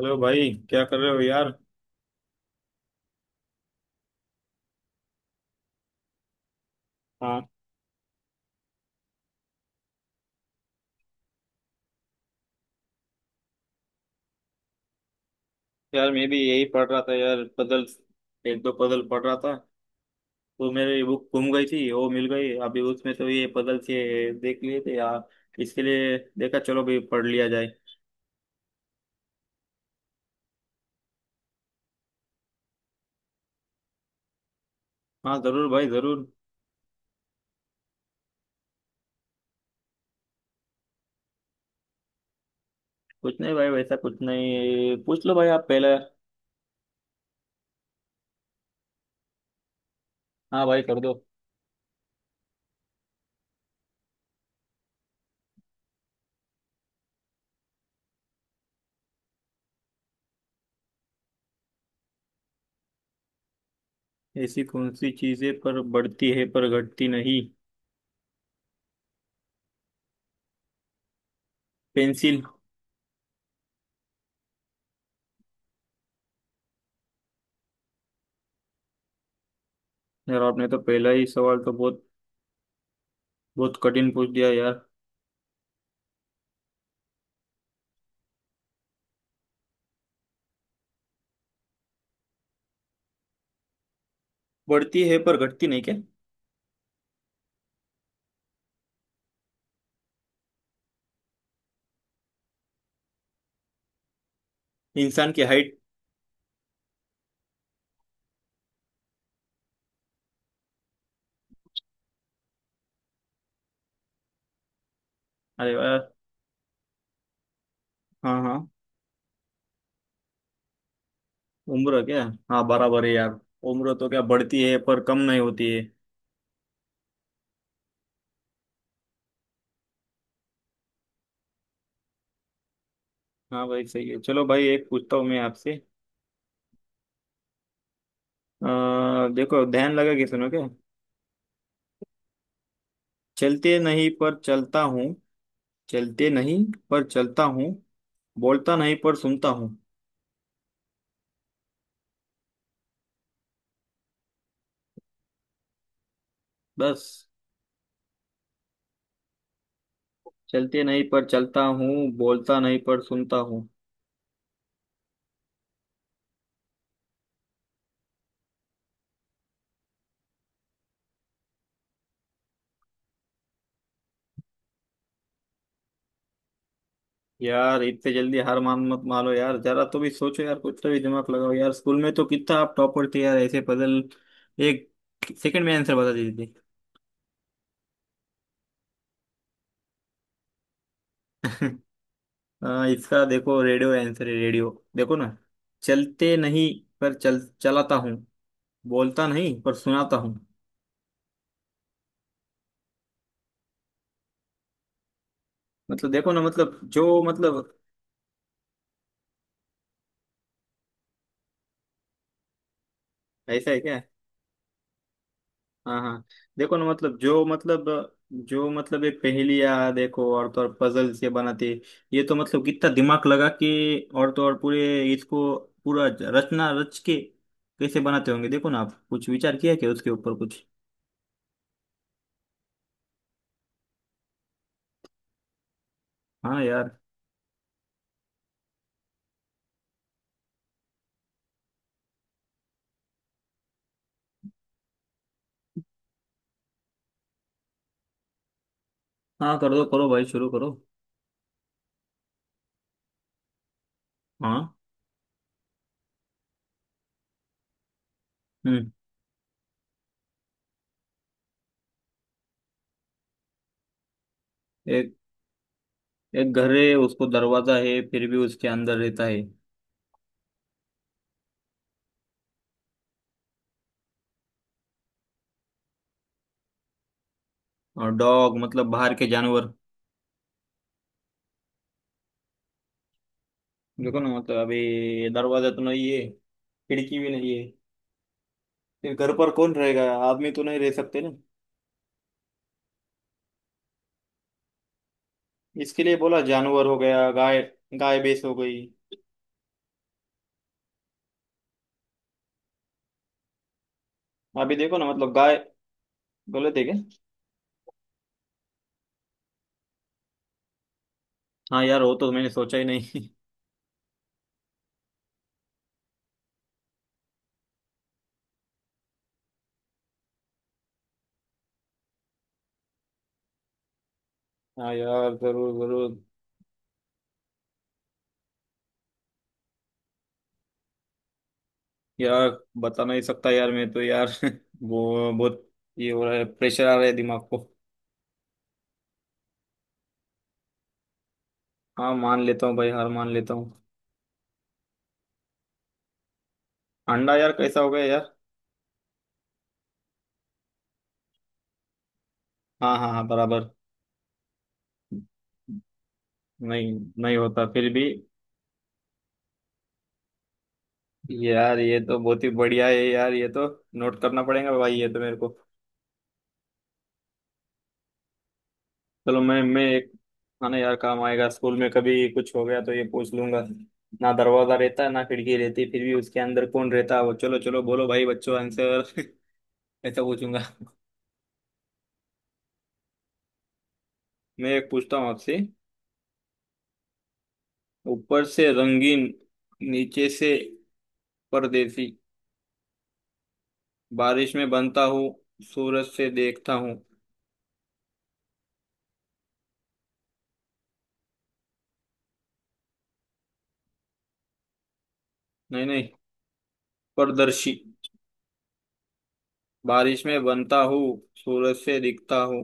Hello भाई, क्या कर रहे हो यार। हाँ। यार मैं भी यही पढ़ रहा था यार, पजल। एक दो पजल पढ़ रहा था। तो मेरी बुक गुम गई थी, वो मिल गई अभी, उसमें तो ये पजल से देख लिए थे यार। इसके लिए देखा, चलो भाई, पढ़ लिया जाए। हाँ जरूर भाई, जरूर। कुछ नहीं भाई, वैसा कुछ नहीं, पूछ लो भाई, आप पहले। हाँ भाई, कर दो। ऐसी कौन सी चीजें पर बढ़ती है पर घटती नहीं? पेंसिल। यार आपने तो पहला ही सवाल तो बहुत बहुत कठिन पूछ दिया यार। बढ़ती है पर घटती नहीं क्या? इंसान की हाइट। अरे वाह। हाँ हाँ। उम्र क्या? हाँ बराबर है यार। उम्र तो क्या बढ़ती है पर कम नहीं होती है। हाँ भाई सही है, चलो भाई, एक पूछता हूँ मैं आपसे। देखो ध्यान लगा के सुनो क्या। चलते नहीं पर चलता हूँ। चलते नहीं पर चलता हूँ, बोलता नहीं पर सुनता हूँ। बस। चलते नहीं पर चलता हूँ, बोलता नहीं पर सुनता हूँ। यार इतने जल्दी हार मान मत मानो यार, जरा तो भी सोचो यार, कुछ तो भी दिमाग लगाओ यार, स्कूल में तो कितना आप टॉपर थे यार, ऐसे पजल एक सेकंड में आंसर बता देते थे। हाँ इसका देखो, रेडियो आंसर है, रेडियो। देखो ना। चलते नहीं पर चल चलाता हूँ, बोलता नहीं पर सुनाता हूँ। मतलब देखो ना, मतलब जो मतलब। ऐसा है क्या? हाँ हाँ। देखो ना मतलब, जो मतलब, जो मतलब एक पहेलियाँ, देखो और तो और पजल से बनाते। ये तो मतलब कितना दिमाग लगा के, और तो और पूरे इसको पूरा रचना रच के कैसे बनाते होंगे। देखो ना आप कुछ विचार किया क्या उसके ऊपर कुछ? हाँ यार। हाँ कर दो, करो भाई, शुरू करो। हाँ। हम्म। एक एक घर है उसको दरवाजा है फिर भी उसके अंदर रहता है। और डॉग, मतलब बाहर के जानवर। देखो ना मतलब, अभी दरवाजा तो नहीं है, खिड़की भी नहीं है। फिर घर पर कौन रहेगा? आदमी तो नहीं रह सकते ना। इसके लिए बोला जानवर हो गया, गाय। गाय भैंस हो गई। अभी देखो ना मतलब, गाय। गलत है क्या? हाँ यार वो तो मैंने सोचा ही नहीं। हाँ यार जरूर जरूर। यार बता नहीं सकता यार, मैं तो यार वो बहुत। ये हो रहा है, प्रेशर आ रहा है दिमाग को। हाँ मान लेता हूँ भाई, हार मान लेता हूँ। अंडा, यार कैसा हो गया यार। हाँ हाँ हाँ बराबर। नहीं। नहीं होता, फिर भी। यार ये तो बहुत ही बढ़िया है यार, ये तो नोट करना पड़ेगा भाई, ये तो मेरे को। चलो मैं एक खाना यार, काम आएगा। स्कूल में कभी कुछ हो गया तो ये पूछ लूंगा। ना दरवाजा रहता है, ना खिड़की रहती, फिर भी उसके अंदर कौन रहता है? वो चलो चलो बोलो भाई बच्चों, आंसर। ऐसा पूछूंगा। मैं एक पूछता हूँ आपसे। ऊपर से रंगीन, नीचे से परदेसी, बारिश में बनता हूँ, सूरज से देखता हूँ। नहीं नहीं, पारदर्शी। बारिश में बनता हूँ, सूरज से दिखता हूँ।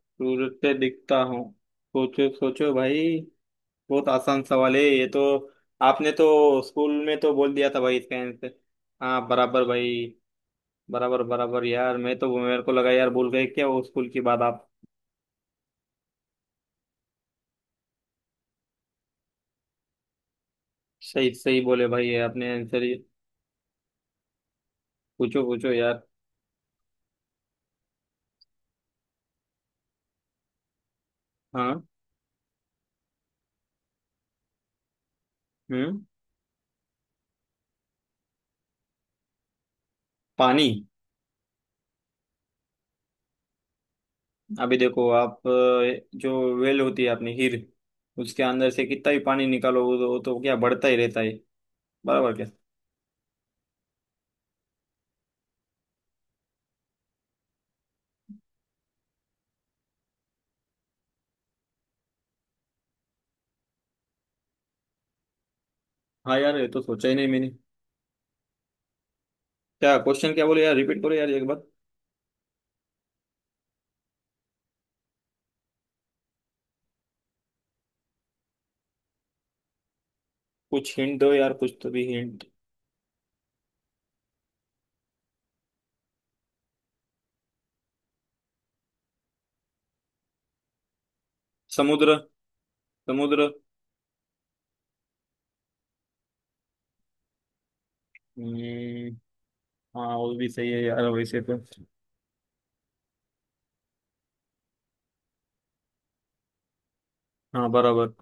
सूरज से दिखता हूँ। सोचो सोचो भाई, बहुत आसान सवाल है ये तो। आपने तो स्कूल में तो बोल दिया था भाई इसका आंसर। हाँ बराबर भाई। बराबर बराबर यार, मैं तो मेरे को लगा यार भूल गए क्या वो स्कूल की बात आप। सही सही बोले भाई, ये आपने आंसर ही। पूछो पूछो यार। हाँ। हम्म। पानी। अभी देखो आप, जो वेल होती है अपनी हीर, उसके अंदर से कितना भी पानी निकालो वो तो क्या बढ़ता ही रहता है। बराबर क्या? हाँ यार ये तो सोचा ही नहीं मैंने। क्या क्वेश्चन क्या बोले यार, रिपीट करो यार एक बार। कुछ हिंट दो यार, कुछ तो भी हिंट। समुद्र। समुद्र। हम्म। हाँ वो भी सही है यार वैसे तो। हाँ बराबर।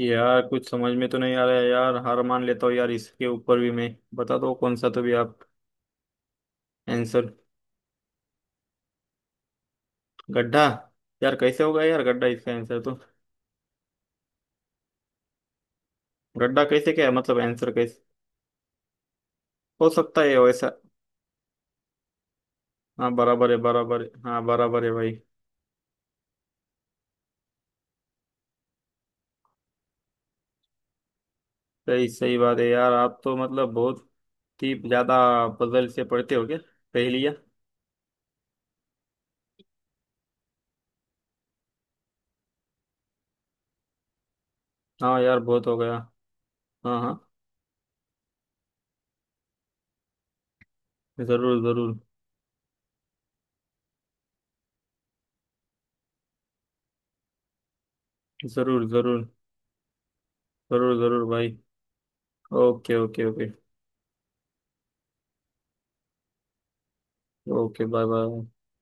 यार कुछ समझ में तो नहीं आ रहा है यार, हार मान लेता हूँ यार, इसके ऊपर भी मैं बता दो कौन सा तो भी आप आंसर। गड्ढा। यार कैसे होगा यार गड्ढा इसका आंसर तो? गड्ढा कैसे, क्या है मतलब, आंसर कैसे हो सकता है वैसा? हाँ बराबर है, बराबर है, हाँ बराबर है भाई। सही सही बात है यार, आप तो मतलब बहुत ही ज्यादा पजल से पढ़ते हो क्या, पहेलियाँ। हाँ यार बहुत हो गया। हाँ हाँ। जरूर जरूर, जरूर जरूर, जरूर जरूर भाई। Okay okay okay. Okay bye bye.